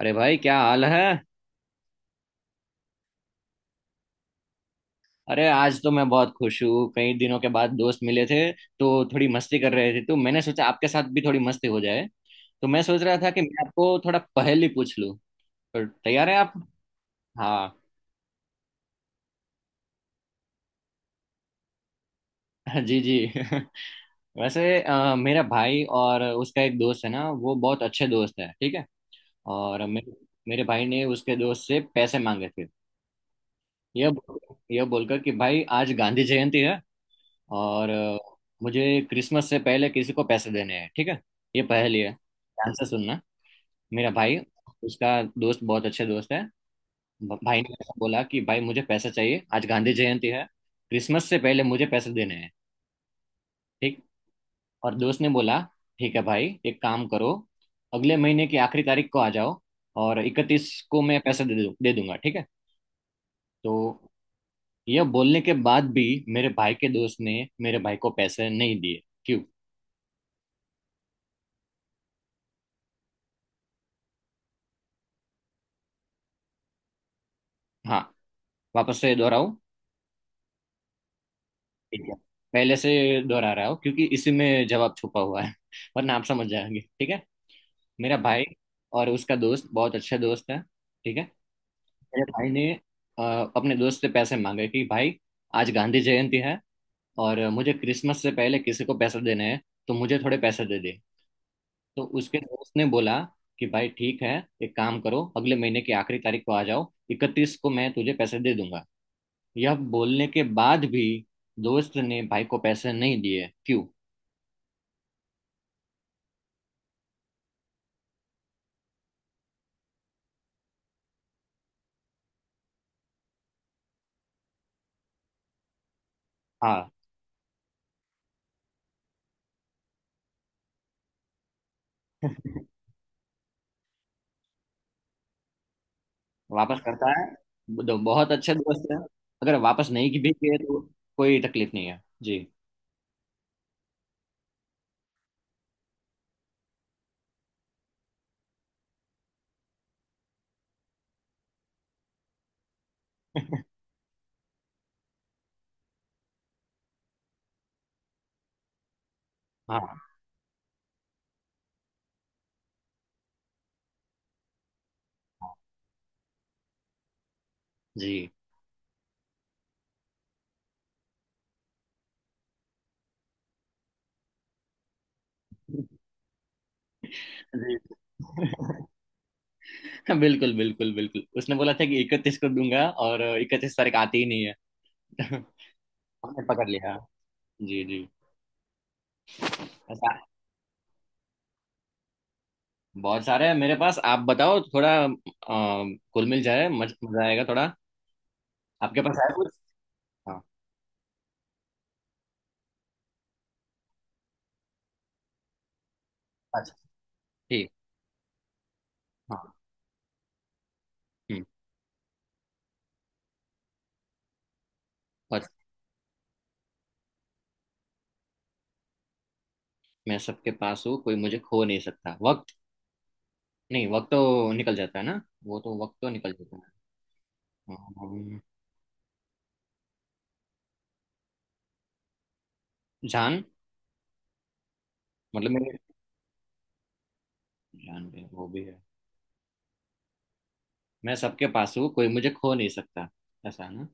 अरे भाई, क्या हाल है। अरे आज तो मैं बहुत खुश हूँ। कई दिनों के बाद दोस्त मिले थे तो थोड़ी मस्ती कर रहे थे, तो मैंने सोचा आपके साथ भी थोड़ी मस्ती हो जाए। तो मैं सोच रहा था कि मैं आपको थोड़ा पहेली पूछ लूँ। तो तैयार हैं आप? हाँ। जी जी। वैसे मेरा भाई और उसका एक दोस्त है ना, वो बहुत अच्छे दोस्त है, ठीक है। और मेरे मेरे भाई ने उसके दोस्त से पैसे मांगे थे। यह यह बोलकर कि भाई आज गांधी जयंती है। और मुझे क्रिसमस से पहले किसी को पैसे देने हैं, ठीक है। ये पहेली है, ध्यान से सुनना। मेरा भाई, उसका दोस्त, बहुत अच्छे दोस्त है। भाई ने ऐसा बोला कि भाई मुझे पैसे चाहिए, आज गांधी जयंती है, क्रिसमस से पहले मुझे पैसे देने हैं, ठीक। और दोस्त ने बोला, ठीक है भाई, एक काम करो, अगले महीने की आखिरी तारीख को आ जाओ, और 31 को मैं पैसे दे दूंगा, ठीक है तो। यह बोलने के बाद भी मेरे भाई के दोस्त ने मेरे भाई को पैसे नहीं दिए, क्यों? हाँ। वापस से दोहराऊं, ठीक है। पहले से दोहरा रहा हूँ क्योंकि इसी में जवाब छुपा हुआ है, वरना आप समझ जाएंगे, ठीक है। मेरा भाई और उसका दोस्त बहुत अच्छा दोस्त है, ठीक है। मेरे भाई ने अ, अपने दोस्त से पैसे मांगे कि भाई आज गांधी जयंती है और मुझे क्रिसमस से पहले किसी को पैसे देने हैं, तो मुझे थोड़े पैसे दे दे। तो उसके दोस्त ने बोला कि भाई ठीक है, एक काम करो, अगले महीने की आखिरी तारीख को आ जाओ, 31 को मैं तुझे पैसे दे दूंगा। यह बोलने के बाद भी दोस्त ने भाई को पैसे नहीं दिए, क्यों? हाँ, वापस करता है। बहुत अच्छे दोस्त है, अगर वापस नहीं की भी किए तो कोई तकलीफ नहीं है जी। हाँ, जी जी। बिल्कुल बिल्कुल बिल्कुल, उसने बोला था कि 31 को दूंगा और 31 तारीख आती ही नहीं है। हमने पकड़ लिया। जी जी। ऐसा बहुत सारे हैं मेरे पास, आप बताओ थोड़ा, कुल मिल जाए, मजा आएगा थोड़ा। आपके पास है कुछ? हाँ। अच्छा। ठीक। हाँ। हम्म। बस। मैं सबके पास हूँ, कोई मुझे खो नहीं सकता। वक्त? नहीं, वक्त तो निकल जाता है ना। वो तो वक्त तो निकल जाता है। अम, जान। मतलब मेरे, जान भी है, वो भी है। मैं सबके पास हूँ, कोई मुझे खो नहीं सकता, ऐसा है ना?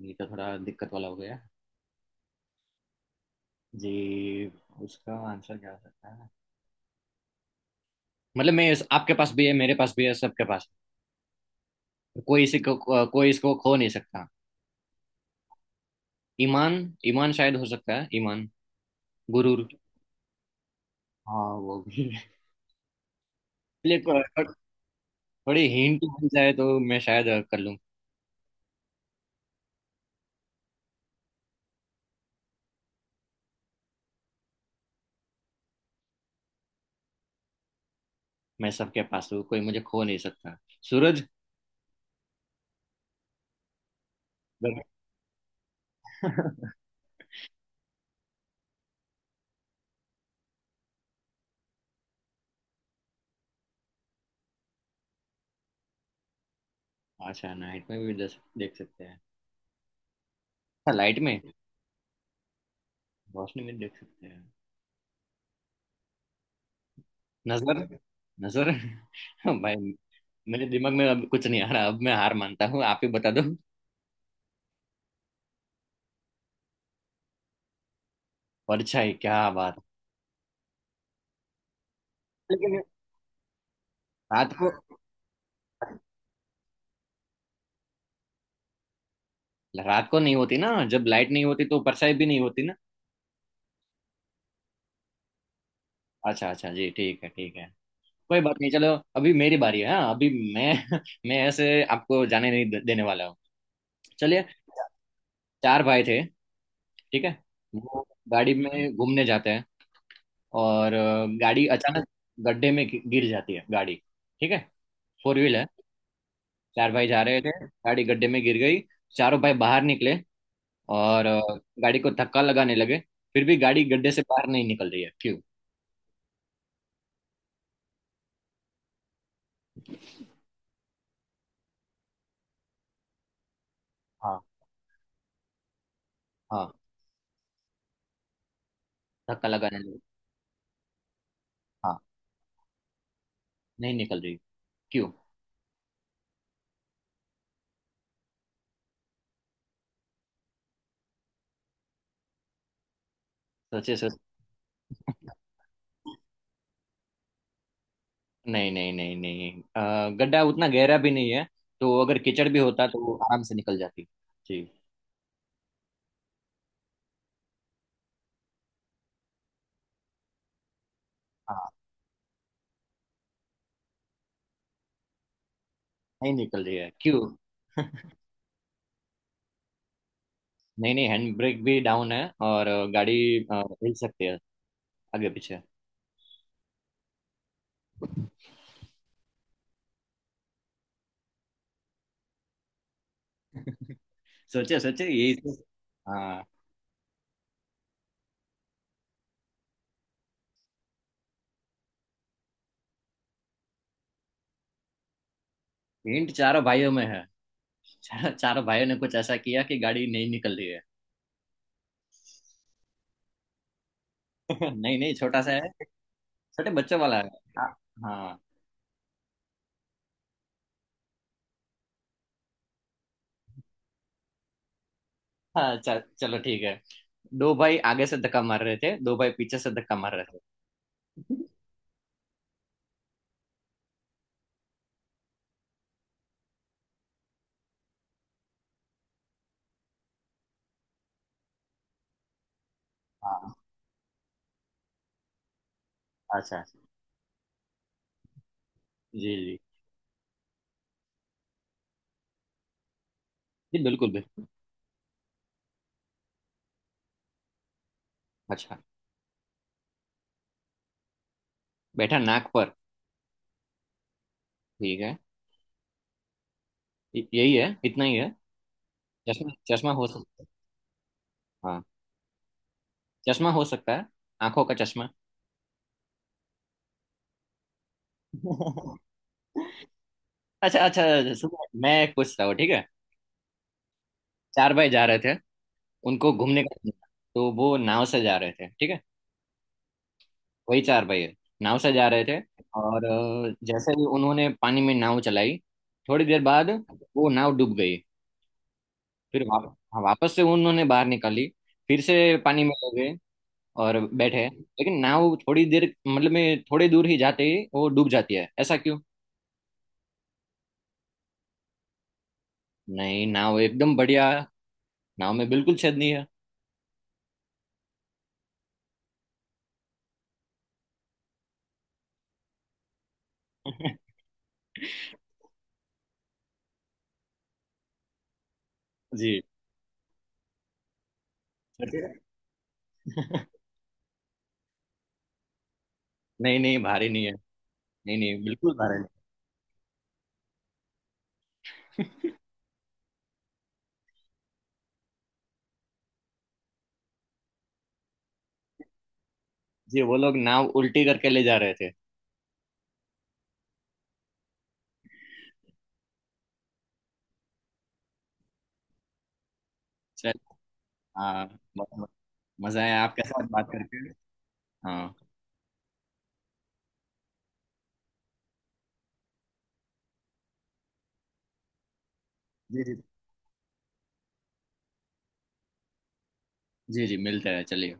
ये तो थोड़ा दिक्कत वाला हो गया जी। उसका आंसर क्या हो सकता है? मतलब मैं आपके पास भी है, मेरे पास भी है, सबके पास है। कोई इसी को कोई इसको खो नहीं सकता। ईमान। ईमान शायद हो सकता है, ईमान। गुरूर? हाँ वो भी है। चलिए, थो- थो- थोड़ी हिंट मिल जाए तो मैं शायद कर लूँ। मैं सबके पास हूँ, कोई मुझे खो नहीं सकता। सूरज? जरूर। अच्छा, नाइट में भी देख सकते हैं। अच्छा, लाइट में, रोशनी में देख सकते हैं। नजर? नजर। भाई मेरे दिमाग में अब कुछ नहीं आ रहा, अब मैं हार मानता हूँ, आप ही बता दो। परछाई? क्या बात। लेकिन रात को रात को नहीं होती ना, जब लाइट नहीं होती तो परछाई भी नहीं होती ना। अच्छा अच्छा जी, ठीक है ठीक है, कोई बात नहीं, चलो। अभी मेरी बारी है, हाँ अभी मैं मैं ऐसे आपको जाने नहीं देने वाला हूँ। चलिए। चार भाई थे, ठीक है। वो गाड़ी में घूमने जाते हैं, और गाड़ी अचानक गड्ढे में गिर जाती है गाड़ी, ठीक है। फोर व्हील है। चार भाई जा रहे थे, गाड़ी गड्ढे में गिर गई। चारों भाई बाहर निकले और गाड़ी को धक्का लगाने लगे। फिर भी गाड़ी गड्ढे से बाहर नहीं निकल रही है, क्यों? हाँ हाँ, धक्का लगाने लगे। हाँ। नहीं निकल रही, क्यों? सोचे सोच। नहीं नहीं नहीं नहीं, गड्ढा उतना गहरा भी नहीं है, तो अगर कीचड़ भी होता तो वो आराम से निकल जाती जी। हाँ, नहीं निकल रही है, क्यों? नहीं नहीं, हैंड ब्रेक भी डाउन है और गाड़ी हिल सकती है आगे पीछे। सोचे सोचे, यही तो- हाँ। हिंट चारों भाइयों में है। चारों भाइयों ने कुछ ऐसा किया कि गाड़ी नहीं निकल रही है। नहीं नहीं, छोटा सा है, छोटे बच्चों वाला है। हाँ। हाँ। हाँ, चलो ठीक है। दो भाई आगे से धक्का मार रहे थे, दो भाई पीछे से धक्का मार रहे थे। हाँ अच्छा। जी जी। जी, बिल्कुल बिल्कुल। अच्छा, बैठा नाक पर, ठीक है। यही है, इतना ही है? चश्मा? चश्मा हो सकता है। हाँ, चश्मा हो सकता है, आंखों का चश्मा। अच्छा अच्छा, सुनो मैं पूछता हूँ, ठीक है। चार भाई जा रहे थे, उनको घूमने का मन था, तो वो नाव से जा रहे थे, ठीक है। वही चार भाई है, नाव से जा रहे थे। और जैसे ही उन्होंने पानी में नाव चलाई, थोड़ी देर बाद वो नाव डूब गई। फिर हाँ, वापस से उन्होंने बाहर निकाली। फिर से पानी में हो गए और बैठे, लेकिन नाव थोड़ी देर, मतलब में थोड़ी दूर ही जाते ही वो डूब जाती है, ऐसा क्यों? नहीं, नाव एकदम बढ़िया, नाव में बिल्कुल छेद नहीं है जी। नहीं नहीं, भारी नहीं है। नहीं नहीं, बिल्कुल भारी जी। वो लोग नाव उल्टी करके ले जा रहे थे। चल हाँ, बहुत बहुत मजा आया आपके साथ बात करके। हाँ जी जी। जी जी, मिलते हैं, चलिए।